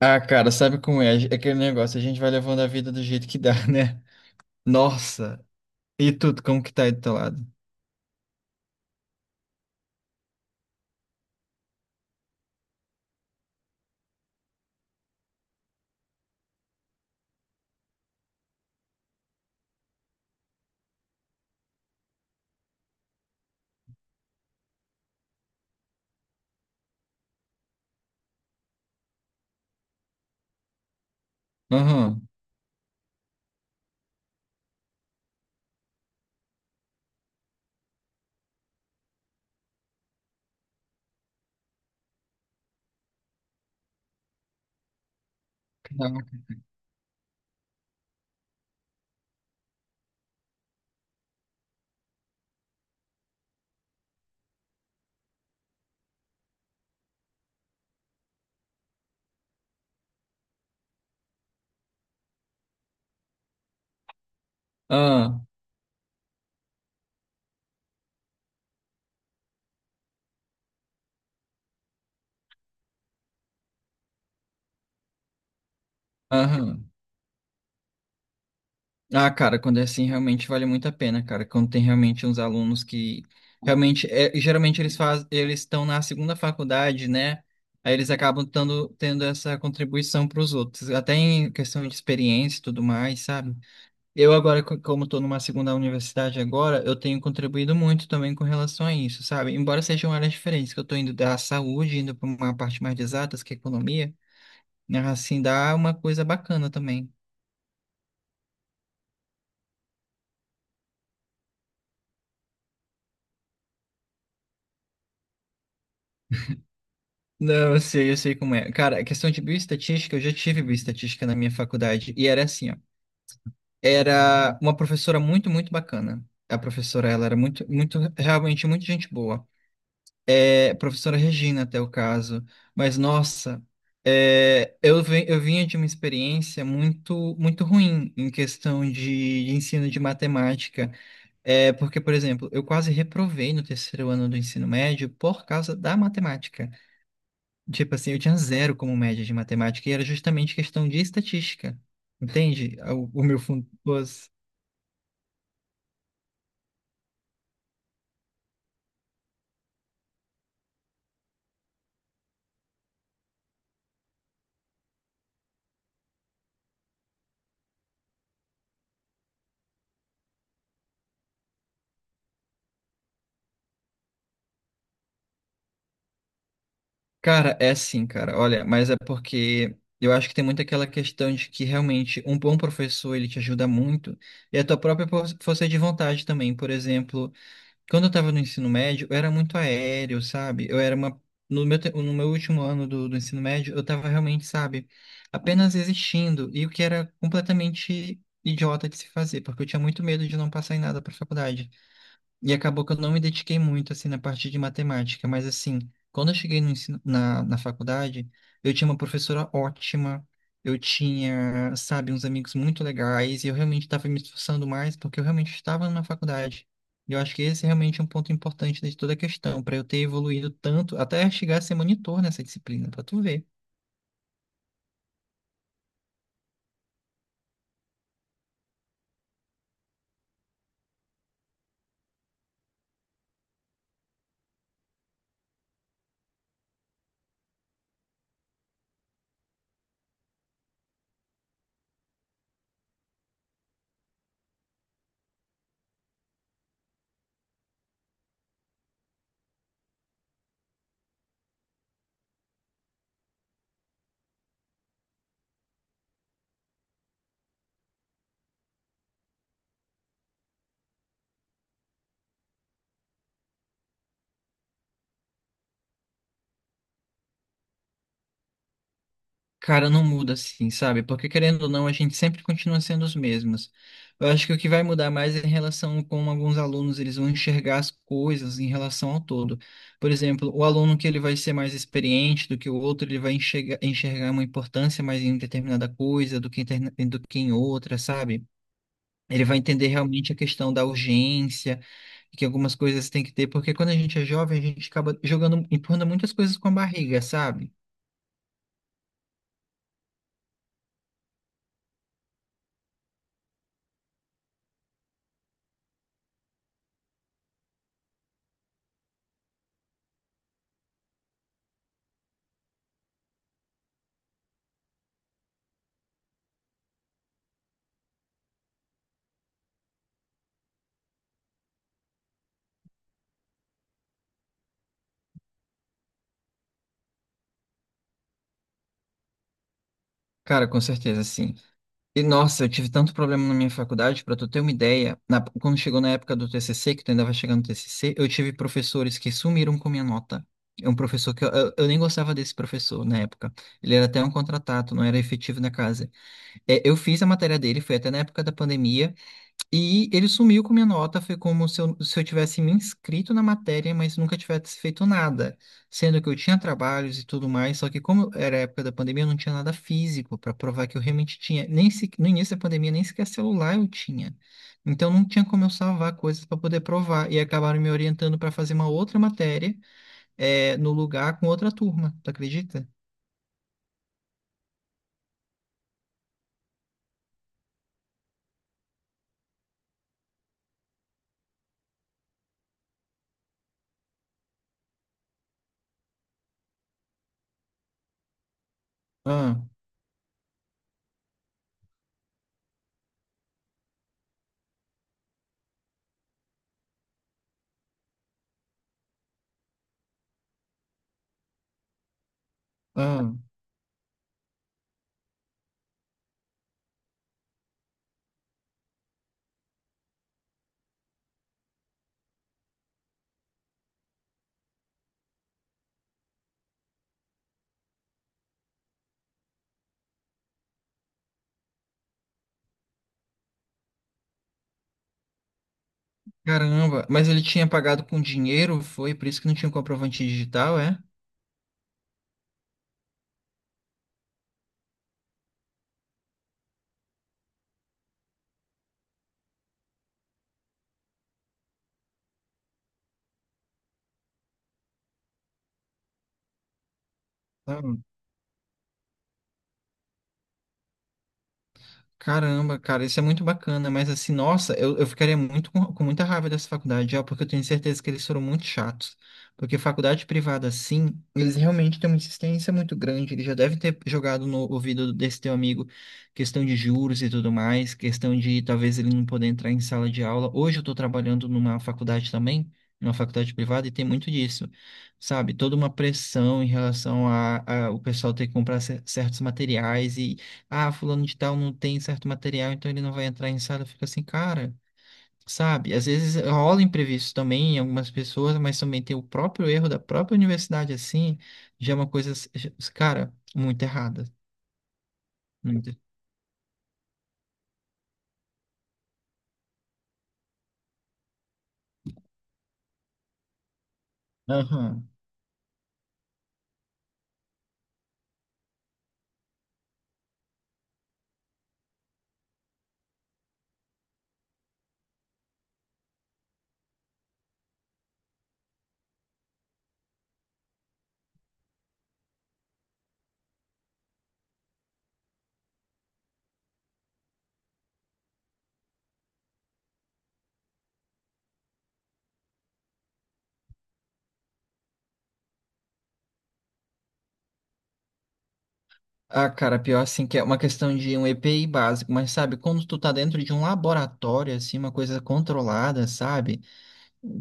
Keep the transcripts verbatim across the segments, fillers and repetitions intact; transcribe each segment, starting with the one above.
Ah, cara, sabe como é? É aquele negócio, a gente vai levando a vida do jeito que dá, né? Nossa! E tudo, como que tá aí do teu lado? Aham. Caraca. Ah, aham. Ah, cara, quando é assim, realmente vale muito a pena, cara. Quando tem realmente uns alunos que realmente, é, geralmente eles faz, eles estão na segunda faculdade, né? Aí eles acabam tando, tendo essa contribuição para os outros, até em questão de experiência e tudo mais, sabe? Eu agora, co- como estou numa segunda universidade agora, eu tenho contribuído muito também com relação a isso, sabe? Embora sejam áreas diferentes, que eu estou indo da saúde, indo para uma parte mais de exatas, que é economia, né? Assim dá uma coisa bacana também. Não, eu sei, eu sei como é. Cara, a questão de bioestatística, eu já tive bioestatística na minha faculdade, e era assim, ó. Era uma professora muito, muito bacana. A professora, ela era muito, muito, realmente muito gente boa. É, professora Regina, até o caso. Mas, nossa, é, eu, vi- eu vinha de uma experiência muito, muito ruim em questão de, de ensino de matemática. É, porque, por exemplo, eu quase reprovei no terceiro ano do ensino médio por causa da matemática. Tipo assim, eu tinha zero como média de matemática e era justamente questão de estatística. Entende? O, o meu fundo. Cara, é sim, cara. Olha, mas é porque eu acho que tem muito aquela questão de que realmente um bom professor ele te ajuda muito e a tua própria por- força de vontade também. Por exemplo, quando eu estava no ensino médio, eu era muito aéreo, sabe? Eu era uma No meu te- no meu último ano do, do ensino médio, eu estava realmente, sabe, apenas existindo e o que era completamente idiota de se fazer, porque eu tinha muito medo de não passar em nada para faculdade. E acabou que eu não me dediquei muito, assim, na parte de matemática, mas, assim, quando eu cheguei no ensino, na, na faculdade, eu tinha uma professora ótima, eu tinha, sabe, uns amigos muito legais, e eu realmente estava me esforçando mais porque eu realmente estava na faculdade. E eu acho que esse é realmente um ponto importante né, de toda a questão, para eu ter evoluído tanto, até chegar a ser monitor nessa disciplina, para tu ver. Cara, não muda assim, sabe? Porque querendo ou não, a gente sempre continua sendo os mesmos. Eu acho que o que vai mudar mais é em relação como alguns alunos eles vão enxergar as coisas em relação ao todo. Por exemplo, o aluno que ele vai ser mais experiente do que o outro, ele vai enxergar, enxergar uma importância mais em determinada coisa do que, interna- do que em outra, sabe? Ele vai entender realmente a questão da urgência, que algumas coisas tem que ter, porque quando a gente é jovem, a gente acaba jogando, empurrando muitas coisas com a barriga, sabe? Cara, com certeza, sim. E nossa, eu tive tanto problema na minha faculdade, pra tu ter uma ideia, na- quando chegou na época do T C C, que tu ainda vai chegar no T C C, eu tive professores que sumiram com minha nota. É um professor que eu, eu, eu nem gostava desse professor na época. Ele era até um contratado, não era efetivo na casa. É, eu fiz a matéria dele, foi até na época da pandemia. E ele sumiu com minha nota, foi como se eu, se eu tivesse me inscrito na matéria, mas nunca tivesse feito nada, sendo que eu tinha trabalhos e tudo mais, só que como era a época da pandemia, eu não tinha nada físico para provar que eu realmente tinha, nem se, no início da pandemia nem sequer celular eu tinha. Então não tinha como eu salvar coisas para poder provar, e acabaram me orientando para fazer uma outra matéria, eh, no lugar com outra turma, tu acredita? Ah, ah. Caramba, mas ele tinha pagado com dinheiro, foi por isso que não tinha comprovante digital, é? Caramba, cara, isso é muito bacana, mas assim, nossa, eu, eu ficaria muito com, com muita raiva dessa faculdade, ó, porque eu tenho certeza que eles foram muito chatos. Porque faculdade privada, assim, eles realmente têm uma insistência muito grande. Eles já devem ter jogado no ouvido desse teu amigo questão de juros e tudo mais, questão de talvez ele não poder entrar em sala de aula. Hoje eu tô trabalhando numa faculdade também, numa faculdade privada, e tem muito disso, sabe? Toda uma pressão em relação a, a o pessoal ter que comprar cer- certos materiais, ah, fulano de tal não tem certo material, então ele não vai entrar em sala, fica assim, cara, sabe? Às vezes rola imprevisto também em algumas pessoas, mas também tem o próprio erro da própria universidade, assim, já é uma coisa, s- cara, muito errada. Muito. Aham. Ah, cara, pior assim, que é uma questão de um E P I básico, mas sabe, quando tu tá dentro de um laboratório, assim, uma coisa controlada, sabe?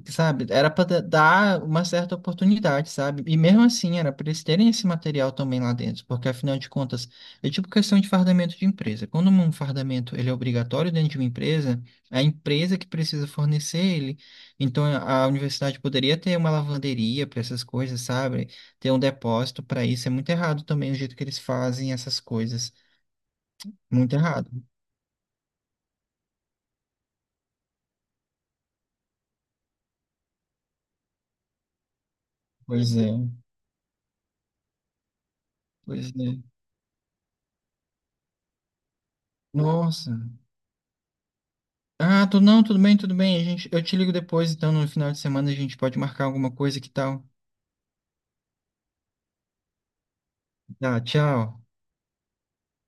Sabe? Era para dar uma certa oportunidade, sabe? E mesmo assim, era para eles terem esse material também lá dentro, porque afinal de contas, é tipo questão de fardamento de empresa. Quando um fardamento ele é obrigatório dentro de uma empresa, é a empresa que precisa fornecer ele. Então, a a universidade poderia ter uma lavanderia para essas coisas, sabe? Ter um depósito para isso. É muito errado também o jeito que eles fazem essas coisas. Muito errado. Pois é. Pois é. Nossa. Ah, tu não, tudo bem, tudo bem. A gente, eu te ligo depois, então no final de semana a gente pode marcar alguma coisa que tal. Tá, tchau.